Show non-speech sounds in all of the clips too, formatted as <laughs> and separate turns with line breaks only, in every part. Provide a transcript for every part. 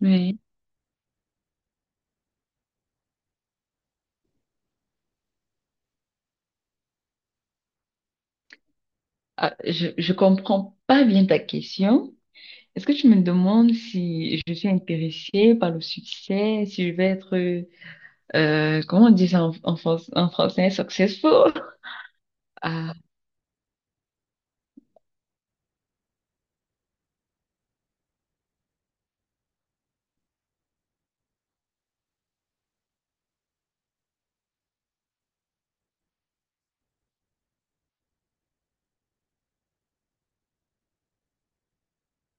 Oui. Ah, je comprends pas bien ta question. Est-ce que tu me demandes si je suis intéressée par le succès, si je vais être, comment on dit ça en français, successful? <laughs> Ah,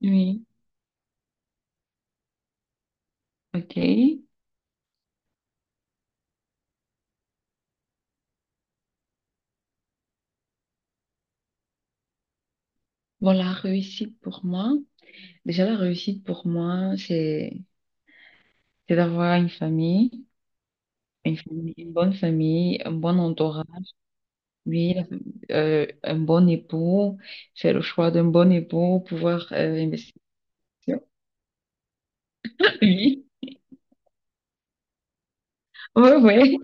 oui, ok. Bon, la réussite pour moi, déjà la réussite pour moi, c'est d'avoir une famille, une famille, une bonne famille, un bon entourage, oui, un bon époux, faire le choix d'un bon époux, pouvoir investir. <laughs> Oui. Ouais, ouais,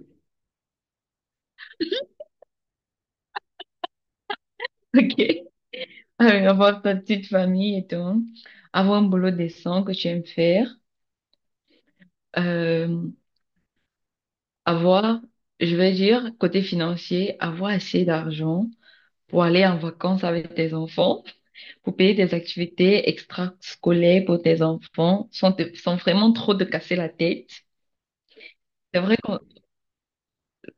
<laughs> ok. Avoir ta petite famille et tout. Avoir un boulot décent que tu aimes faire. Euh, avoir, je vais dire, côté financier, avoir assez d'argent pour aller en vacances avec tes enfants, pour payer des activités extrascolaires pour tes enfants, sans vraiment trop te casser la tête. C'est vrai que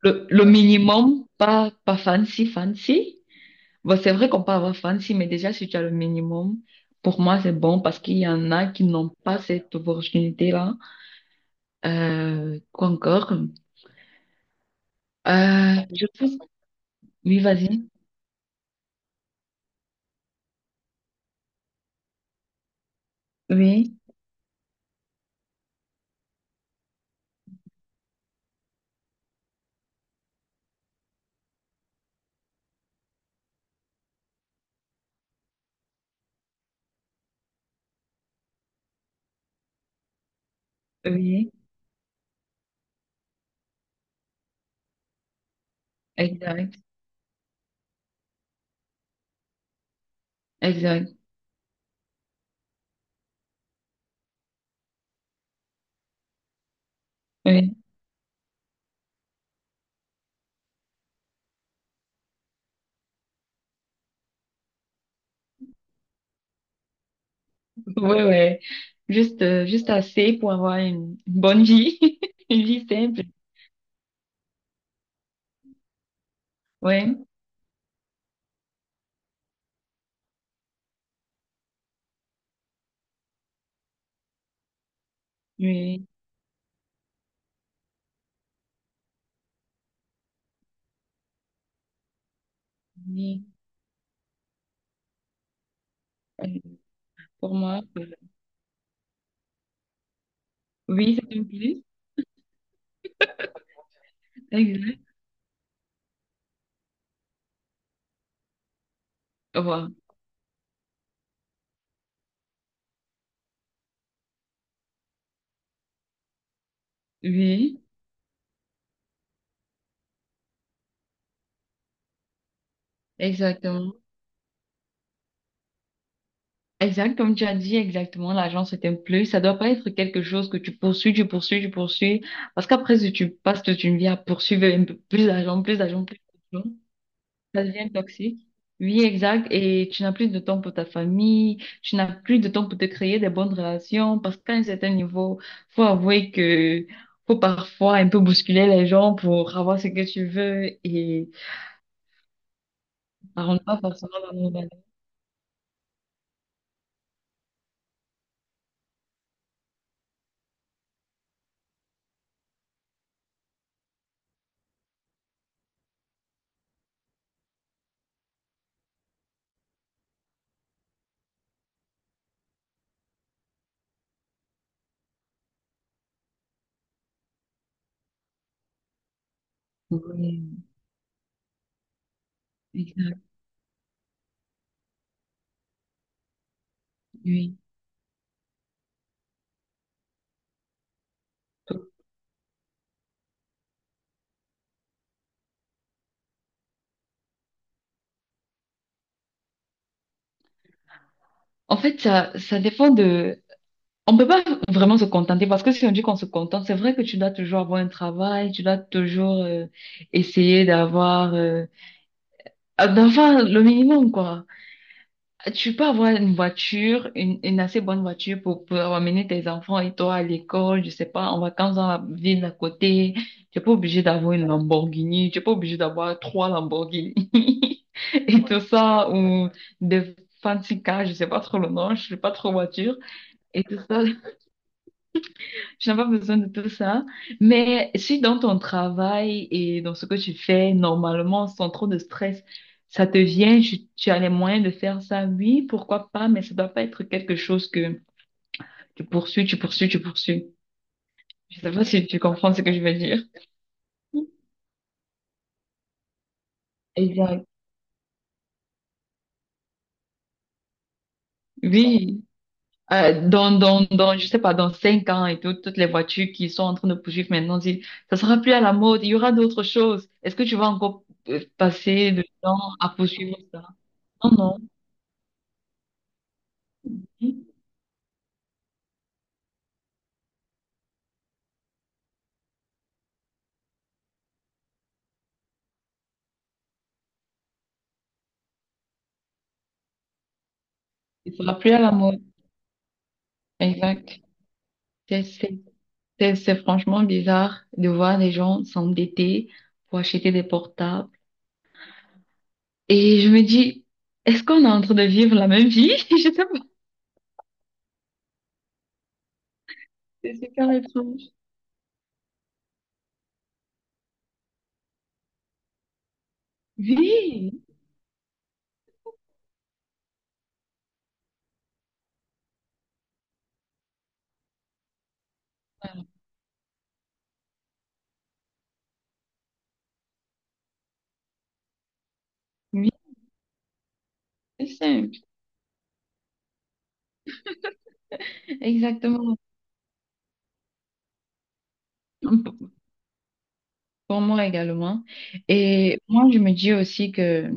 le minimum, pas fancy, fancy. Bon, c'est vrai qu'on peut avoir fancy, mais déjà, si tu as le minimum, pour moi, c'est bon parce qu'il y en a qui n'ont pas cette opportunité-là. Quoi encore? Je pense, oui, vas-y. Oui, oui, exact, exact. Oui, <laughs> oui, oui. Juste assez pour avoir une bonne vie, <laughs> une vie simple. Ouais, oui, oui. Euh, Pour moi, oui, c'est un plus. Exact. Voilà. Oui, exactement. Exact, comme tu as dit exactement, l'argent c'est un plus. Ça doit pas être quelque chose que tu poursuis, tu poursuis, tu poursuis. Parce qu'après, si tu passes toute une vie à poursuivre un peu plus d'argent, plus d'argent, plus d'argent, ça devient toxique. Oui, exact. Et tu n'as plus de temps pour ta famille, tu n'as plus de temps pour te créer des bonnes relations. Parce qu'à un certain niveau, faut avouer que faut parfois un peu bousculer les gens pour avoir ce que tu veux et ça rentre pas forcément dans nos valeurs. Oui, exact, oui. En fait, ça dépend de. On peut pas vraiment se contenter parce que si on dit qu'on se contente, c'est vrai que tu dois toujours avoir un travail, tu dois toujours essayer d'avoir le minimum quoi. Tu peux avoir une voiture, une assez bonne voiture pour amener tes enfants et toi à l'école, je sais pas, en vacances dans la ville d'à côté. Tu n'es pas obligé d'avoir une Lamborghini, tu n'es pas obligé d'avoir trois Lamborghini <laughs> et, ouais, tout ça ou des fancy cars, je sais pas trop le nom, je suis pas trop voiture. Et tout ça, je n'ai pas besoin de tout ça. Mais si dans ton travail et dans ce que tu fais normalement, sans trop de stress, ça te vient, tu as les moyens de faire ça, oui, pourquoi pas, mais ça doit pas être quelque chose que tu poursuis, tu poursuis, tu poursuis. Je sais pas si tu comprends ce que je veux dire. Exact. Oui. Je sais pas, dans 5 ans et tout, toutes les voitures qui sont en train de poursuivre maintenant disent, ça sera plus à la mode, il y aura d'autres choses. Est-ce que tu vas encore passer de temps à poursuivre ça? Non, non. Il sera plus à la mode. Exact. C'est c'est- c'est franchement bizarre de voir les gens s'endetter pour acheter des portables. Et je me dis, est-ce qu'on est en train de vivre la même vie? <laughs> Je sais pas. C'est super étrange. Oui, oui, c'est simple. Exactement. Pour moi également. Et moi, je me dis aussi que...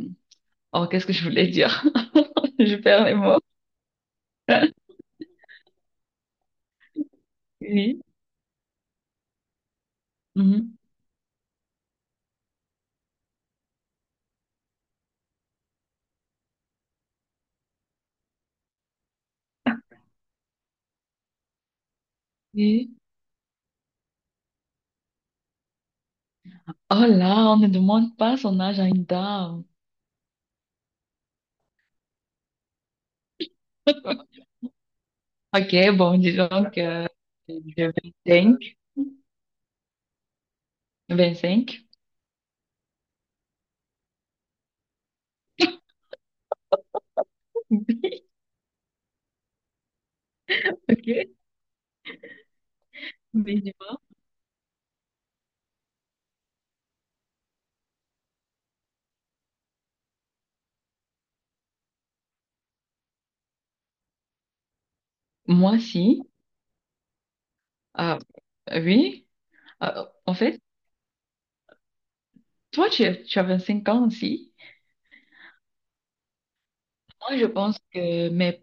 Oh, qu'est-ce que je voulais dire? <laughs> Je perds les mots. <laughs> Oui. Mhm. Oui. Oh là, on ne demande pas son âge à une dame. Ok, bon disons que j'ai vingt-cinq. Ok, mais dis-moi. Moi si. Ah, oui. Ah, en fait, toi, tu as 25 ans aussi. Moi, je pense que, mais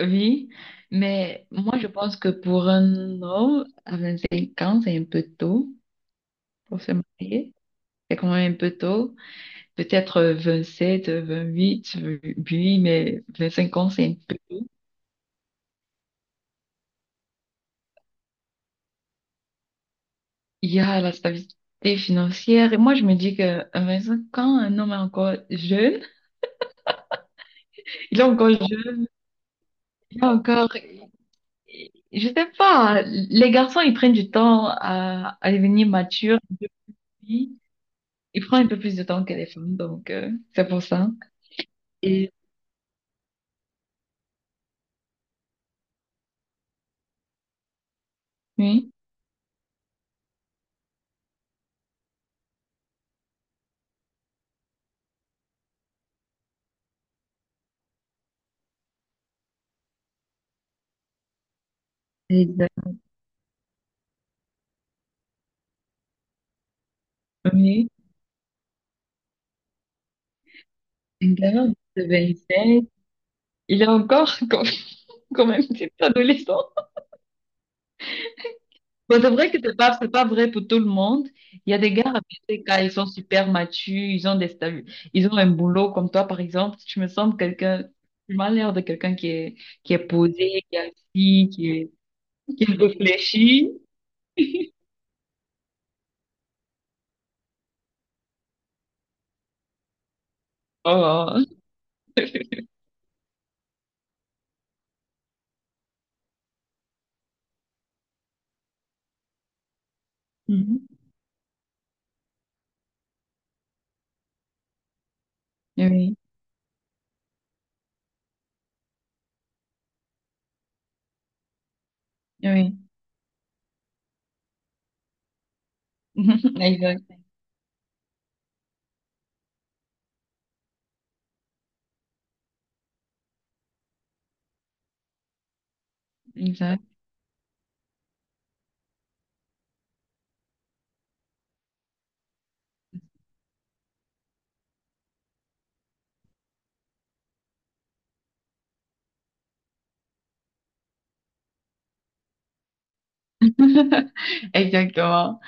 oui, mais moi, je pense que pour un homme à 25 ans, c'est un peu tôt pour se marier. C'est quand même un peu tôt. Peut-être 27, 28. Oui, mais 25 ans, c'est un peu. Il y a la stabilité financière. Et moi, je me dis que à 25 ans, un homme est encore jeune, il est encore jeune, il est encore, je sais pas, les garçons, ils prennent du temps à devenir matures. Ils ils prennent un peu plus de temps que les femmes, donc c'est pour ça. Et oui, exact, oui, une gamin de 27, il est encore comme, <laughs> comme un petit adolescent. Bon, c'est vrai que c'est pas vrai pour tout le monde. Il y a des gars à BTK, ils sont super matures, ils ont un boulot comme toi, par exemple. Tu me sembles quelqu'un, tu m'as l'air de quelqu'un qui est posé, qui est assis, qui est, qui réfléchit. Oh. Mhm. Oui, oui. <laughs> Exact, exact. <laughs> Exactement.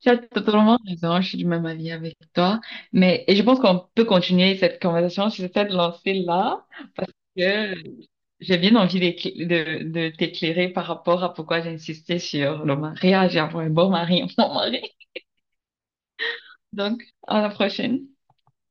Tu as totalement raison, je suis du même avis avec toi. Mais, et je pense qu'on peut continuer cette conversation sur cette lancée-là, parce que j'ai bien envie de t'éclairer par rapport à pourquoi j'ai insisté sur le mariage et avoir un bon mari, <laughs> un bon mari. Donc, à la prochaine.